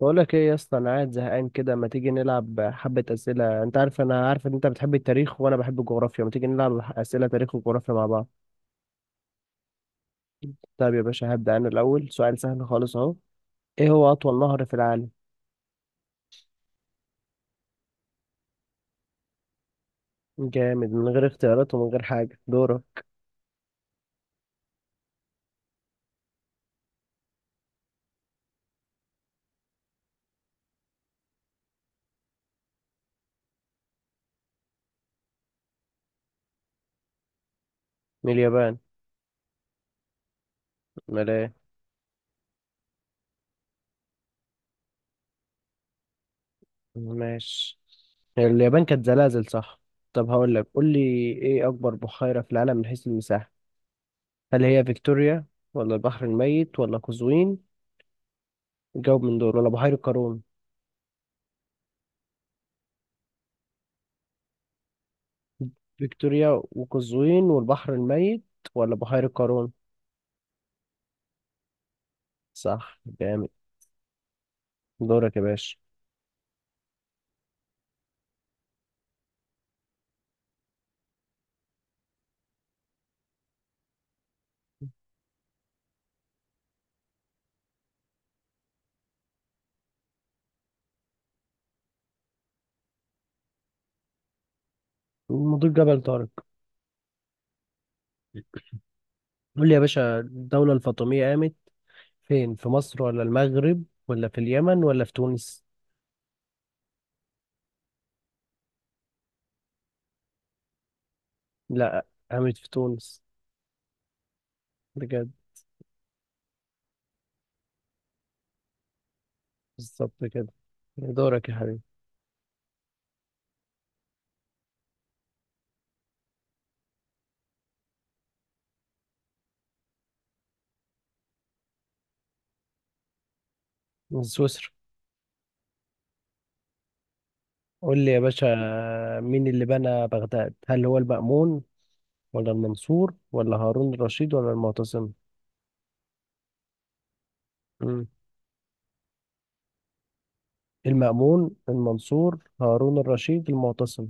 بقولك ايه يا اسطى، انا قاعد زهقان كده. ما تيجي نلعب حبة اسئلة؟ انت عارف انا عارف ان انت بتحب التاريخ وانا بحب الجغرافيا، ما تيجي نلعب اسئلة تاريخ وجغرافيا مع بعض. طيب يا باشا هبدأ انا الاول، سؤال سهل خالص اهو. ايه هو اطول نهر في العالم؟ جامد، من غير اختيارات ومن غير حاجة. دورة. من اليابان. امال ايه؟ ماشي. اليابان كانت زلازل صح. طب هقول لك، قول لي ايه اكبر بحيرة في العالم من حيث المساحة؟ هل هي فيكتوريا ولا البحر الميت ولا قزوين؟ جاوب من دول، ولا بحيرة قارون؟ فيكتوريا وقزوين والبحر الميت، ولا بحيرة قارون؟ صح، جامد. دورك يا باشا. مضيق جبل طارق. قول لي يا باشا، الدولة الفاطمية قامت فين؟ في مصر ولا المغرب ولا في اليمن ولا في تونس؟ لا، قامت في تونس. بجد. بالظبط كده. دورك يا حبيبي. من سويسرا. قول لي يا باشا، مين اللي بنى بغداد؟ هل هو المأمون ولا المنصور ولا هارون الرشيد ولا المعتصم؟ مم. المأمون، المنصور، هارون الرشيد، المعتصم.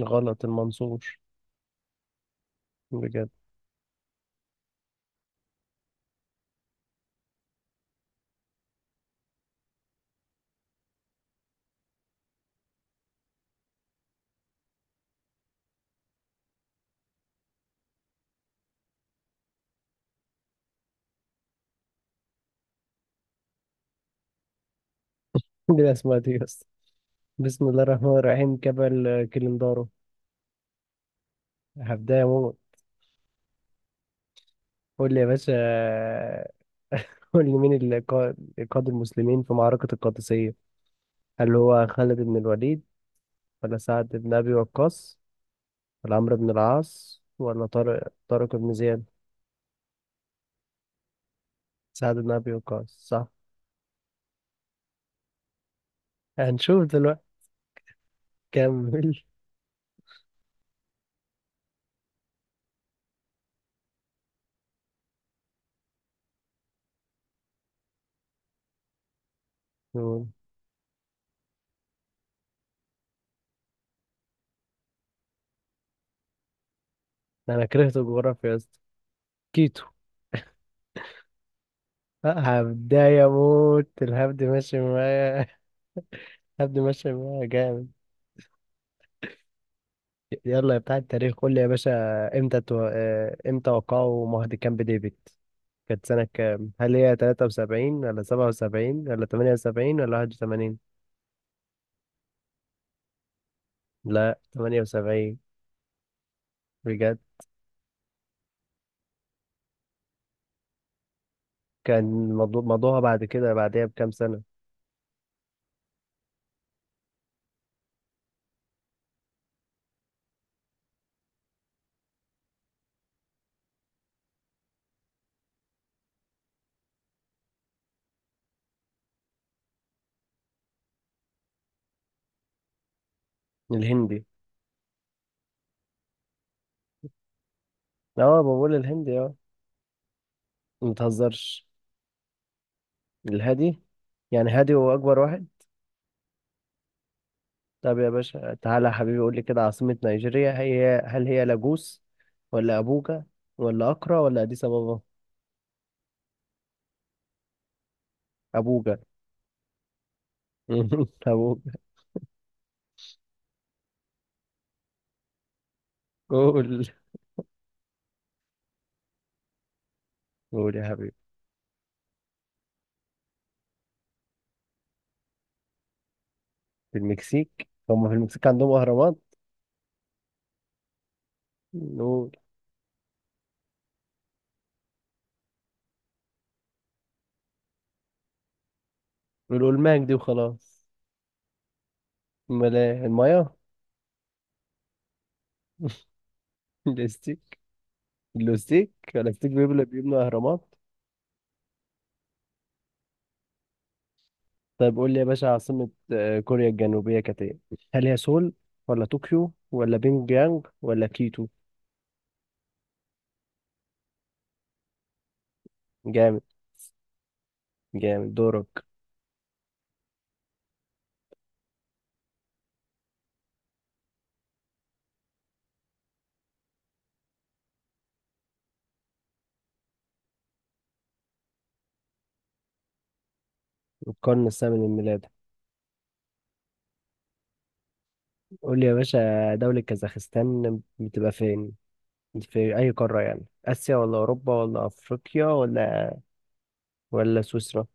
غلط، المنصور. بجد. دي اسمها دي يا اسطى، بسم الله الرحمن الرحيم، كبل كليندارو. هبداية موت. قول لي يا باشا. قول لي، قاد المسلمين في معركة القادسية؟ هل هو خالد بن الوليد ولا سعد بن أبي وقاص ولا عمرو بن العاص ولا طارق بن زياد؟ سعد بن أبي وقاص صح. هنشوف دلوقتي. كمل. قول. أنا كرهت الجغرافيا يا اسطى. كيتو. هبداية موت، الهبد ماشي معايا. هبدي ماشي معايا جامد. يلا يا بتاع التاريخ، قول لي يا باشا، امتى تو... آه، امتى وقعوا معاهدة كامب ديفيد؟ كانت سنة كام؟ هل هي 73 ولا 77 ولا 78 ولا 81؟ لا، 78. بجد. كان موضوعها بعد كده، بعدها بكام سنة. الهندي. اه بقول الهندي اه. ما تهزرش. الهادي. يعني هادي هو أكبر واحد. طب يا باشا، تعالى يا حبيبي قول لي كده، عاصمة نيجيريا هي، هل هي لاجوس ولا أبوجا ولا أكرا ولا أديس أبابا؟ أبوجا. أبوجا. قول. قول يا حبيبي. في المكسيك؟ هم في المكسيك عندهم أهرامات؟ نقول. الماك دي وخلاص. أمال إيه، المايا؟ الاستيك. الاستيك، الاستيك بيبنوا أهرامات. طيب قول لي يا باشا، عاصمة كوريا الجنوبية كانت إيه؟ هل هي سول ولا طوكيو ولا بينج يانج ولا كيتو؟ جامد. جامد، دورك. القرن الثامن من ميلاده. قول لي يا باشا، دولة كازاخستان بتبقى فين؟ في أي قارة يعني؟ آسيا ولا أوروبا ولا أفريقيا ولا، ولا سويسرا؟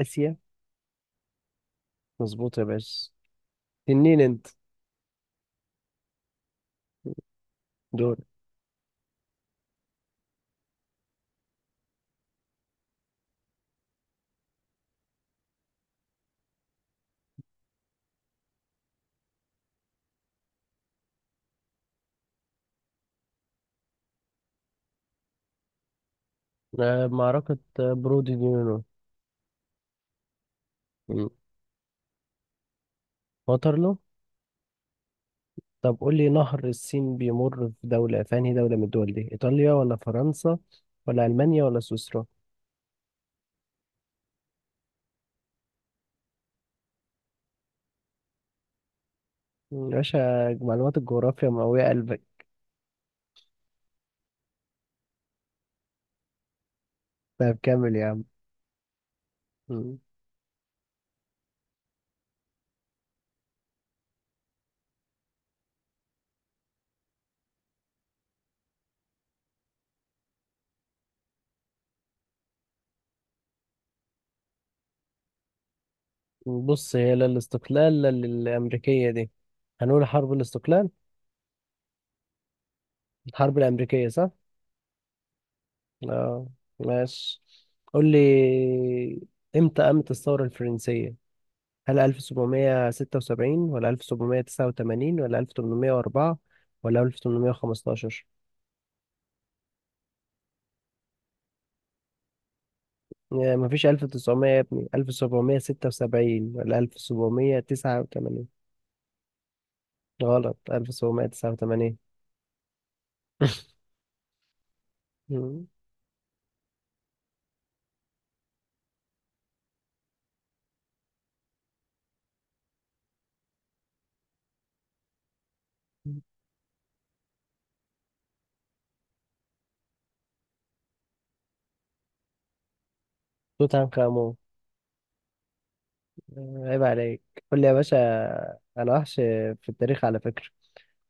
آسيا. مظبوط يا باشا، تنين أنت. دور. معركة برودي دي نينو. مم. واترلو. طب قول لي، نهر السين بيمر في دولة، في أنهي دولة من الدول دي؟ إيطاليا ولا فرنسا ولا ألمانيا ولا سويسرا؟ مم، يا باشا، معلومات الجغرافيا مقوية قلبك. طب كمل يا عم. بص، هي لا الاستقلال لا الأمريكية دي. هنقول حرب الاستقلال. الحرب الأمريكية صح؟ اه. ماشي. قول لي، امتى قامت الثورة الفرنسية؟ هل 1776 ولا 1789 ولا 1804 ولا 1815؟ يعني مفيش 1900 يا ابني، 1776 ولا 1789؟ غلط، 1789. مم. توت عنخ آمون. عيب عليك. قول لي يا باشا، انا وحش في التاريخ على فكرة.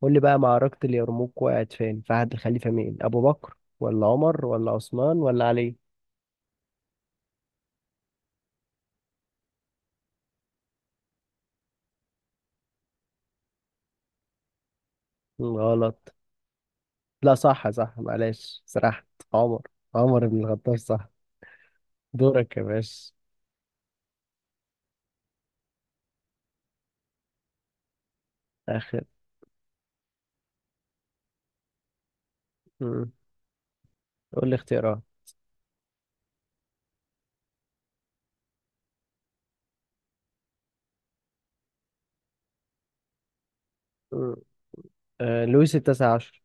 قول لي بقى، معركة اليرموك وقعت فين، في عهد الخليفة مين؟ ابو بكر ولا عمر ولا عثمان ولا علي؟ غلط. لا صح، صح، معلش سرحت. عمر. عمر بن الخطاب صح. دورك يا باشا. اخر. مم. قول لي اختيارات. مم. لويس التاسع عشر.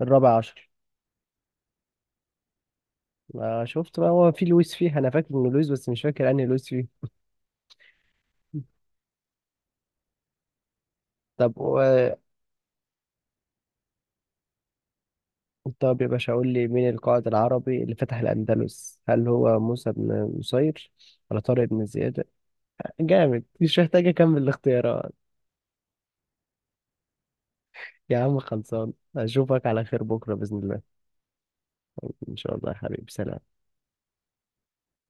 الرابع عشر. ما شفت بقى، هو في لويس، فيه انا فاكر انه لويس بس مش فاكر انهي لويس فيه. طب و-. طب يا باشا قول لي، مين القائد العربي اللي فتح الأندلس؟ هل هو موسى بن نصير ولا طارق بن زياد؟ جامد، مش محتاج أكمل الاختيارات. يا عم خلصان، أشوفك على خير بكرة بإذن الله. إن شاء الله يا حبيبي، سلام.